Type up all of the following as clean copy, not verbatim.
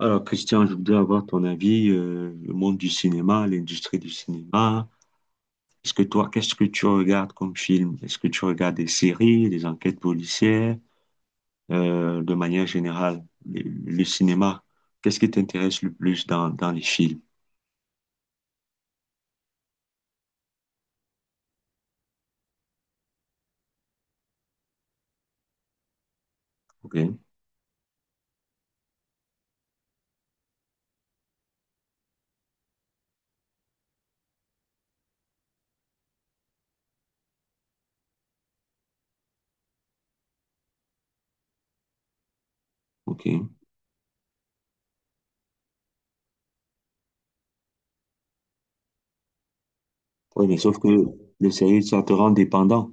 Alors, Christian, je voudrais avoir ton avis, le monde du cinéma, l'industrie du cinéma. Est-ce que toi, qu'est-ce que tu regardes comme film? Est-ce que tu regardes des séries, des enquêtes policières, de manière générale, le cinéma? Qu'est-ce qui t'intéresse le plus dans les films? Ok, ok. Oui, mais sauf que les séries, ça te rend dépendant.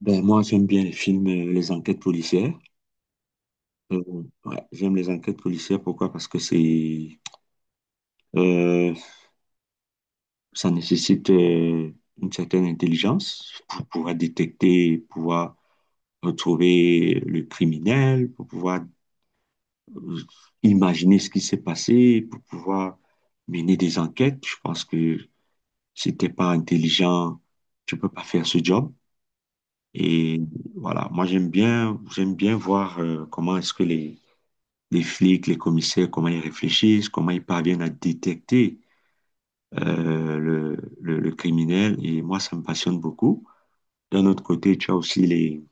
Ben, moi, j'aime bien les films, les enquêtes policières. Euh, ouais, j'aime les enquêtes policières. Pourquoi? Parce que euh, ça nécessite une certaine intelligence pour pouvoir détecter, pouvoir retrouver le criminel, pour pouvoir euh, imaginer ce qui s'est passé, pour pouvoir mener des enquêtes. Je pense que si t'es pas intelligent, tu peux pas faire ce job. Et voilà, moi j'aime bien voir comment est-ce que les flics, les commissaires, comment ils réfléchissent, comment ils parviennent à détecter le criminel. Et moi, ça me passionne beaucoup. D'un autre côté, tu as aussi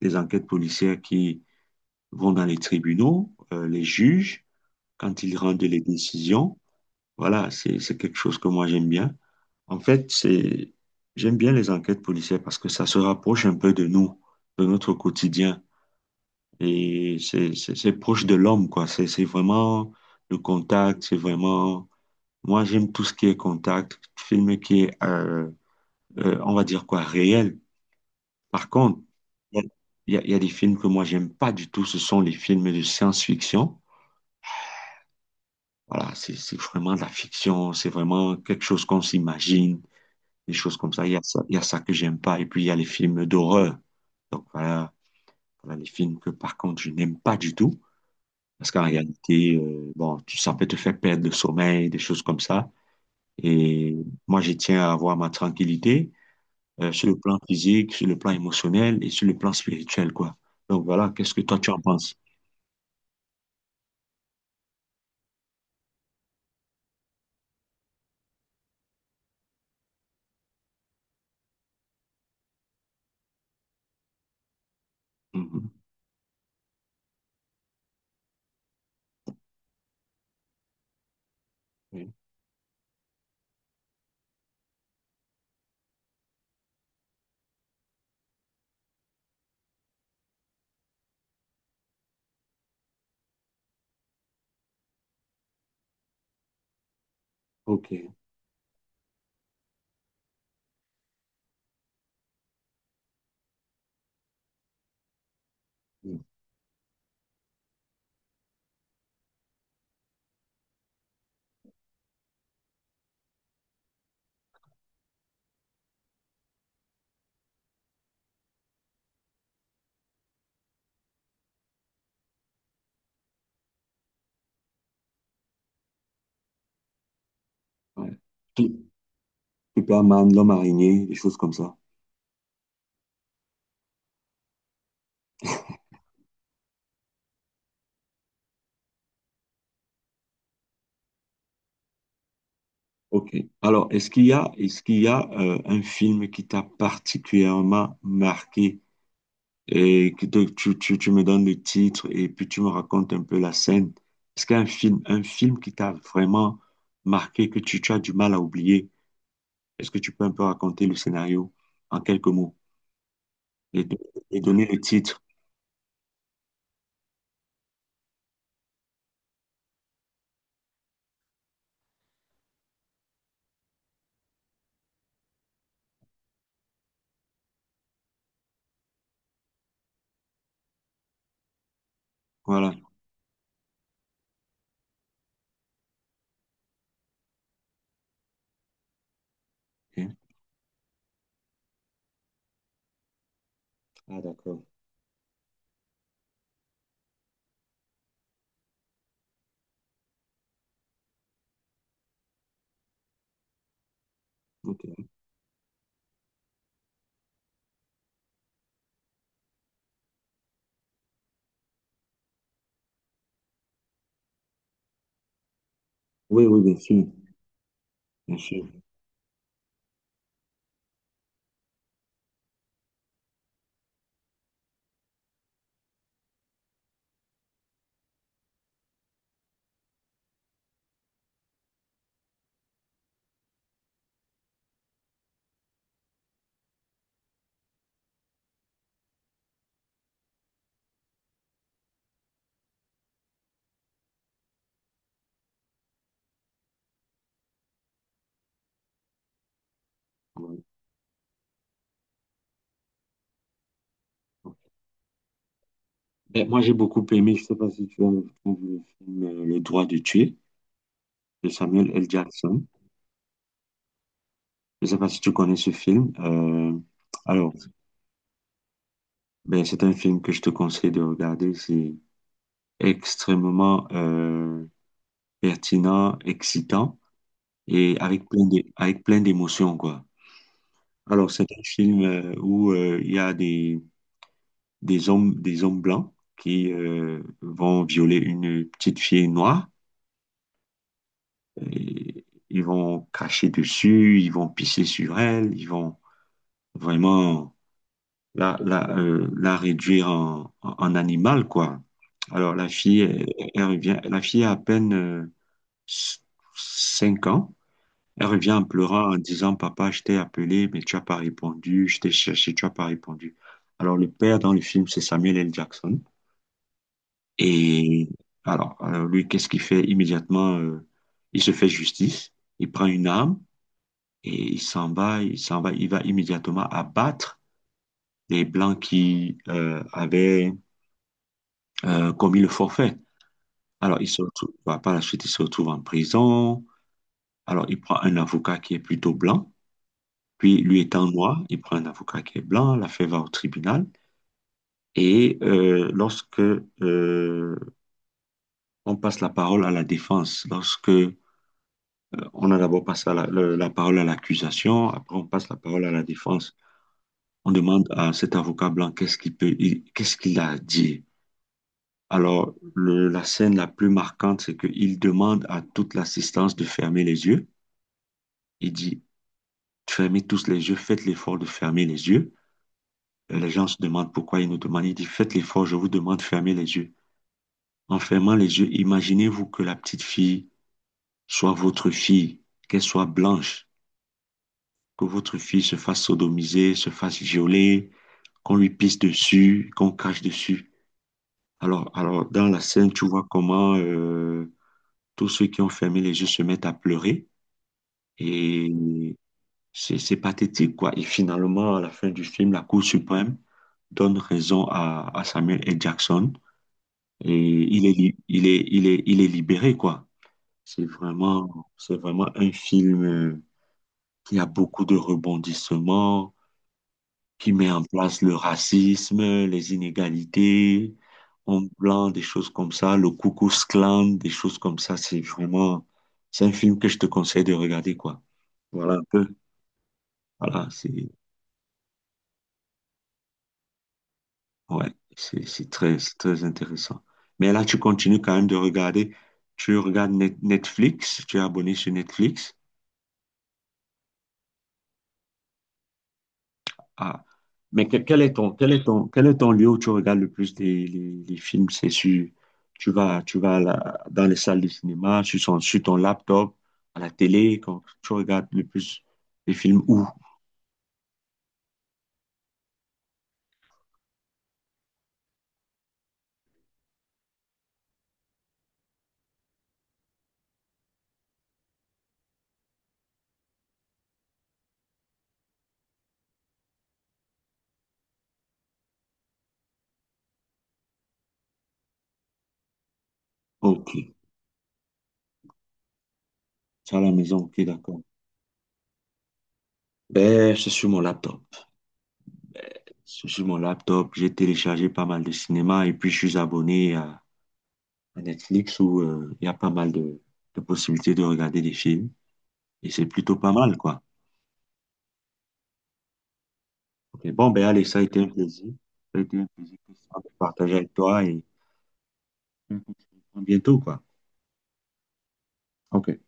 les enquêtes policières qui vont dans les tribunaux, les juges, quand ils rendent les décisions. Voilà, c'est quelque chose que moi j'aime bien. En fait, c'est, j'aime bien les enquêtes policières parce que ça se rapproche un peu de nous, de notre quotidien. Et c'est proche de l'homme, quoi. C'est vraiment le contact, c'est vraiment. Moi, j'aime tout ce qui est contact, film qui est, on va dire quoi, réel. Par contre, il il y a des films que moi, j'aime pas du tout. Ce sont les films de science-fiction. Voilà, c'est vraiment de la fiction. C'est vraiment quelque chose qu'on s'imagine, des choses comme ça. Il y a ça, il y a ça que j'aime pas. Et puis, il y a les films d'horreur. Donc, voilà, voilà les films que, par contre, je n'aime pas du tout. Parce qu'en réalité, bon, tu, ça peut te faire perdre le sommeil, des choses comme ça. Et moi, je tiens à avoir ma tranquillité, sur le plan physique, sur le plan émotionnel et sur le plan spirituel, quoi. Donc, voilà, qu'est-ce que toi, tu en penses? Mm-hmm. Oui. Ok. Mm. Ouais. Su- Superman, l'homme araignée, des choses comme ça. Ok. Alors, est-ce qu'il y a un film qui t'a particulièrement marqué et que tu me donnes le titre et puis tu me racontes un peu la scène? Est-ce qu'il y a un film qui t'a vraiment marqué, que tu as du mal à oublier? Est-ce que tu peux un peu raconter le scénario en quelques mots et, don- et donner le titre? Voilà. Ok. Ah, d'accord. Ok. Oui, oui, bien sûr. Bien sûr. Oui. Ben, moi, j'ai beaucoup aimé, je sais pas si tu as vu le film Le droit de tuer de Samuel L. Jackson. Je sais pas si tu connais ce film. Alors, ben, c'est un film que je te conseille de regarder. C'est extrêmement pertinent, excitant et avec avec plein d'émotions, quoi. Alors, c'est un film où il y a des hommes blancs qui vont violer une petite fille noire. Et ils vont cracher dessus, ils vont pisser sur elle, ils vont vraiment la réduire en animal, quoi. Alors la fille, elle revient, la fille a à peine 5 ans. Elle revient en pleurant en disant, Papa, je t'ai appelé, mais tu n'as pas répondu, je t'ai cherché, tu n'as pas répondu. Alors le père dans le film, c'est Samuel L. Jackson. Et alors, lui, qu'est-ce qu'il fait immédiatement? Il se fait justice, il prend une arme. Et il s'en va, il va immédiatement abattre les Blancs qui avaient commis le forfait. Alors, il se retrouve, bah, par la suite, il se retrouve en prison. Alors, il prend un avocat qui est plutôt blanc. Puis, lui étant noir, il prend un avocat qui est blanc. L'affaire va au tribunal. Et lorsque on passe la parole à la défense, lorsque on a d'abord passé la parole à l'accusation, après on passe la parole à la défense. On demande à cet avocat blanc qu'est-ce qu'il a à dire. Alors, la scène la plus marquante, c'est qu'il demande à toute l'assistance de fermer les yeux. Il dit, fermez tous les yeux, faites l'effort de fermer les yeux. Et les gens se demandent pourquoi il nous demande. Il dit, faites l'effort, je vous demande de fermer les yeux. En fermant les yeux, imaginez-vous que la petite fille soit votre fille, qu'elle soit blanche, que votre fille se fasse sodomiser, se fasse violer, qu'on lui pisse dessus, qu'on crache dessus. Alors, dans la scène, tu vois comment tous ceux qui ont fermé les yeux se mettent à pleurer. Et c'est pathétique, quoi. Et finalement, à la fin du film, la Cour suprême donne raison à Samuel L. Jackson. Et il est, li- il est, il est, il est libéré, quoi. C'est vraiment un film qui a beaucoup de rebondissements, qui met en place le racisme, les inégalités, Homme Blanc, des choses comme ça, le Ku Klux Klan, des choses comme ça. C'est vraiment, c'est un film que je te conseille de regarder, quoi. Voilà un peu. Voilà, c'est, ouais, c'est très intéressant. Mais là, tu continues quand même de regarder. Tu regardes Netflix, tu es abonné sur Netflix. Ah. Mais quel est ton lieu où tu regardes le plus les films? C'est sur, tu vas dans les salles de cinéma, sur ton laptop, à la télé, quand tu regardes le plus les films où? Ok, c'est à la maison, ok, d'accord. Ben, c'est sur mon laptop. C'est sur mon laptop, j'ai téléchargé pas mal de cinéma et puis je suis abonné à Netflix où il y a pas mal de possibilités de regarder des films et c'est plutôt pas mal, quoi. Ok. Bon, ben allez, ça a été un plaisir. Ça a été un plaisir de partager avec toi et à bientôt, quoi. Ok.